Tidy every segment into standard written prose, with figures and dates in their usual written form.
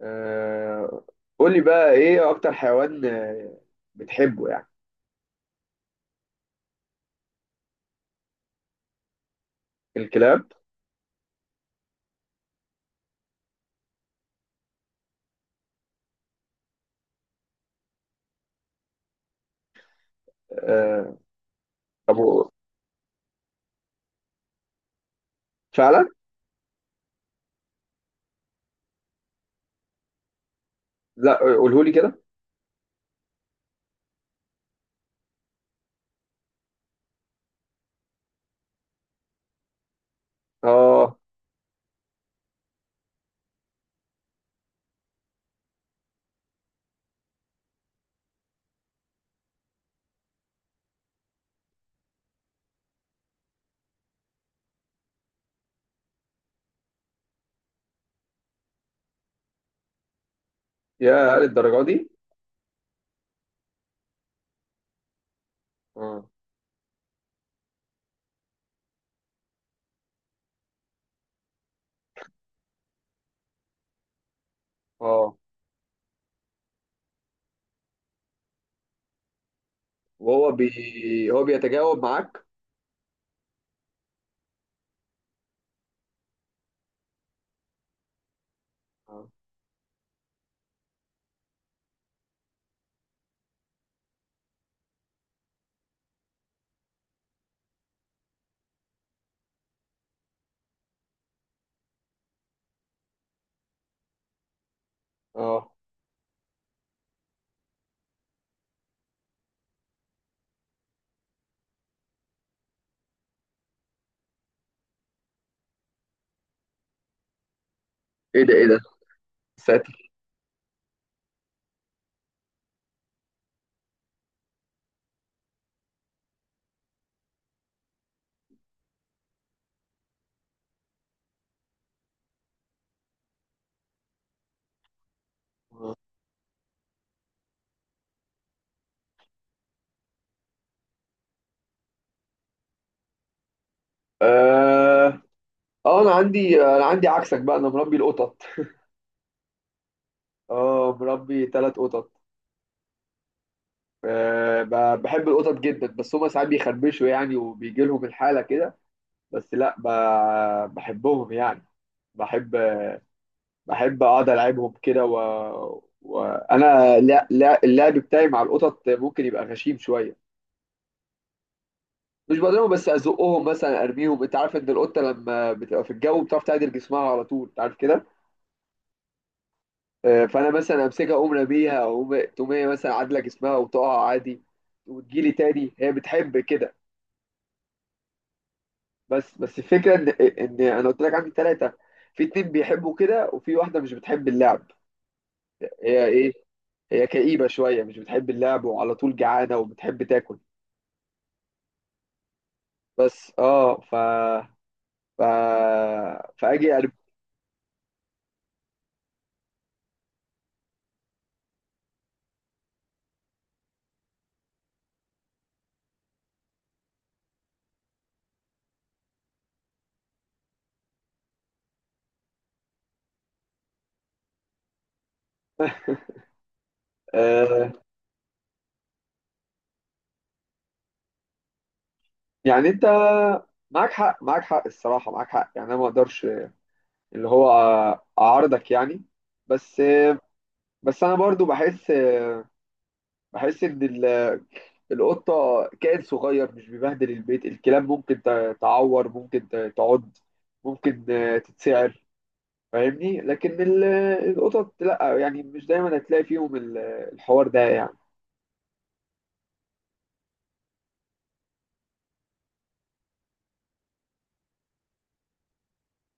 آه، قولي بقى ايه اكتر حيوان بتحبه يعني. الكلاب. آه، طب و- فعلا. لا، قولهولي كده. اه. يا للدرجه دي. اه. اه. وهو هو بيتجاوب معاك؟ اه. اه. ايه ده، ايه ده! ساتر. اه. اه. انا عندي عكسك بقى، انا مربي القطط. اه، مربي 3 قطط. بحب القطط جدا، بس هما ساعات بيخربشوا يعني وبيجي لهم الحاله كده. بس لا، بحبهم يعني. بحب بحب اقعد العبهم كده، و... وانا، لا لا، اللعب بتاعي مع القطط ممكن يبقى غشيم شويه. مش بضربهم، بس ازقهم مثلا، ارميهم. انت عارف ان القطه لما بتبقى في الجو بتعرف تعدل جسمها على طول، انت عارف كده؟ فانا مثلا امسكها اقوم راميها، اقوم تقوم هي مثلا عادله جسمها وتقع عادي، وتجيلي تاني. هي بتحب كده. بس الفكره ان انا قلت لك عندي 3، في 2 بيحبوا كده وفي واحده مش بتحب اللعب. هي ايه؟ هي كئيبة شوية، مش بتحب اللعب وعلى طول جعانة وبتحب تاكل. بس ف فاجي أرب... آه يعني انت. معاك حق، معاك حق، الصراحة معاك حق. يعني انا ما اقدرش، اللي هو، اعارضك يعني. بس بس انا برضو بحس ان القطة كائن صغير، مش بيبهدل البيت. الكلاب ممكن تعور، ممكن تعض، ممكن تتسعر. فاهمني؟ لكن القطط لا يعني، مش دايما هتلاقي فيهم الحوار ده يعني.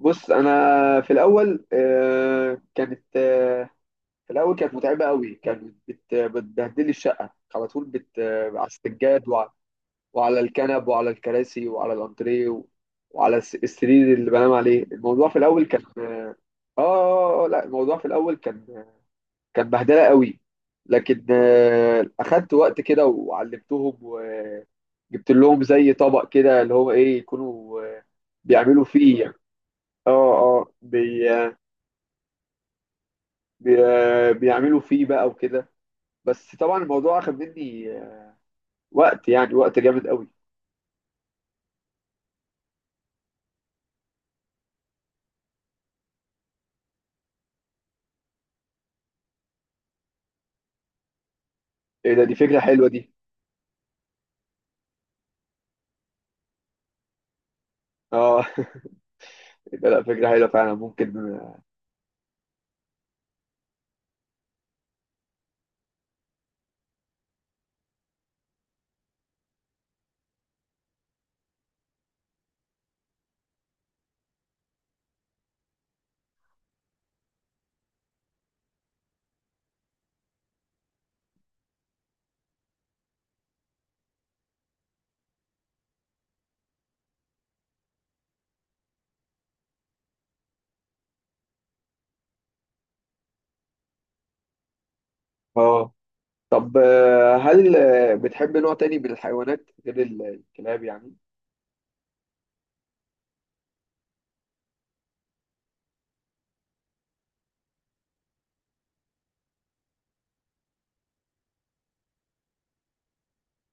بص، انا في الاول كانت في الاول كانت متعبه قوي، كانت بتبهدلي الشقه على طول، بت آه، على السجاد، وعلى الكنب وعلى الكراسي وعلى الانتريه وعلى السرير اللي بنام عليه. الموضوع في الاول كان لا، الموضوع في الاول كان بهدله قوي، لكن اخدت وقت كده وعلمتهم. جبت لهم زي طبق كده اللي هو ايه، يكونوا بيعملوا فيه يعني. اه. اه. بي آه، بي آه، بيعملوا فيه بقى وكده. بس طبعا الموضوع اخد مني وقت، يعني وقت جامد قوي. ايه ده، دي فكرة حلوة دي! اه. ده لا، فكرة حلوة فعلا ممكن. اه. طب هل بتحب نوع تاني من الحيوانات غير الكلاب يعني؟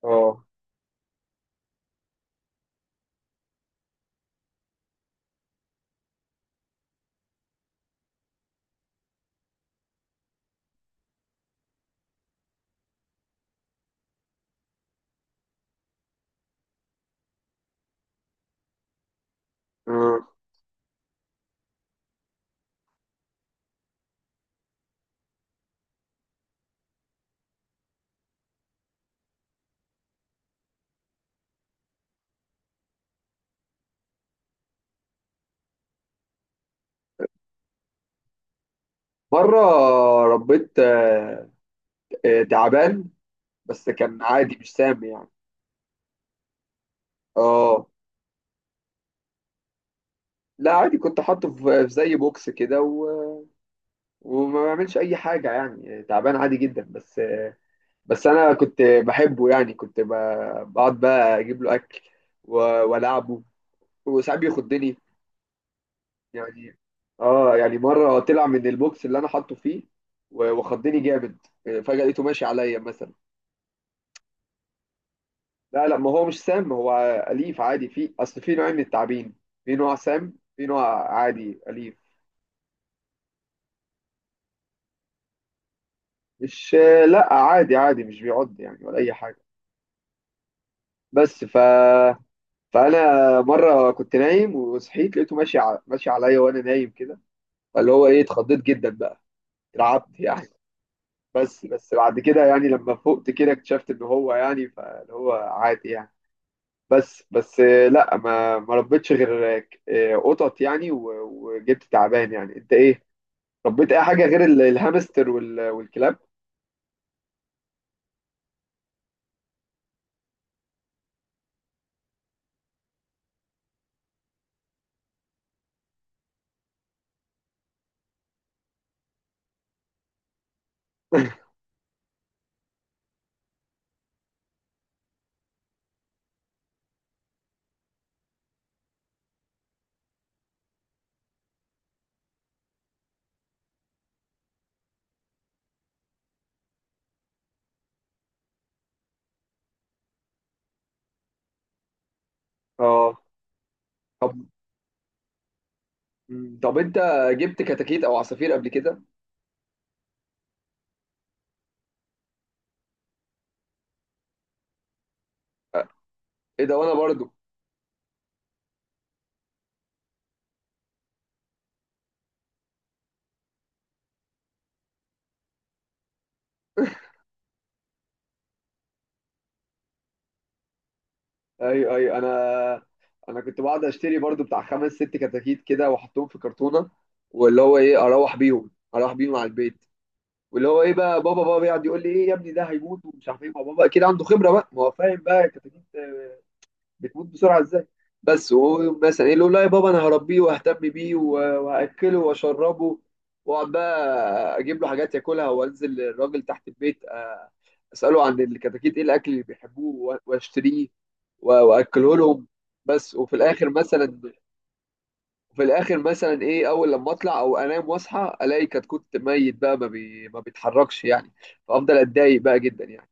اه. آه. مرة ربيت تعبان، بس كان عادي مش سامي يعني. اه. لا، عادي، كنت حاطه في زي بوكس كده، و... وما بعملش اي حاجه يعني، تعبان عادي جدا. بس، بس انا كنت بحبه يعني، كنت بقعد بقى اجيب له اكل و... والعبه، وساعات بيخضني يعني. اه يعني، مره طلع من البوكس اللي انا حاطه فيه وخضني جامد. فجاه لقيته ماشي عليا مثلا. لا لا، ما هو مش سام هو. اليف عادي. في اصل في نوعين من التعابين، في نوع سام، في نوع عادي اليف. مش، لا، عادي عادي، مش بيعض يعني ولا اي حاجه. بس فانا مره كنت نايم وصحيت، لقيته ماشي عليا وانا نايم كده. فاللي هو ايه، اتخضيت جدا بقى، اترعبت يعني. بس بعد كده يعني لما فقت كده اكتشفت ان هو يعني فاللي هو عادي يعني. بس لا، ما ربيتش غير قطط يعني، و... وجبت تعبان. يعني انت ايه؟ ربيت اي حاجه غير الهامستر وال... والكلاب؟ اه. طب طب انت جبت كتاكيت او عصافير قبل كده؟ ايه ده، وانا برضو. ايوه، ايوه، انا كنت بقعد اشتري برضو بتاع خمس ست كتاكيت كده واحطهم في كرتونه، واللي هو ايه، اروح بيهم على البيت. واللي هو ايه بقى، بابا بابا يقعد يقول لي ايه، يا ابني ده هيموت ومش عارف ايه. ما بابا اكيد عنده خبره بقى، ما هو فاهم بقى الكتاكيت بتموت بسرعه ازاي. بس وهو مثلا ايه يقول، لا يا بابا انا هربيه واهتم بيه وهاكله واشربه. واقعد بقى اجيب له حاجات ياكلها، وانزل الراجل تحت البيت اساله عن الكتاكيت ايه الاكل اللي بيحبوه واشتريه واكله لهم. بس، وفي الاخر مثلا، وفي الاخر مثلا ايه، اول لما اطلع، او انام واصحى الاقي كتكوت ميت بقى، ما بيتحركش يعني. فافضل اتضايق بقى جدا يعني.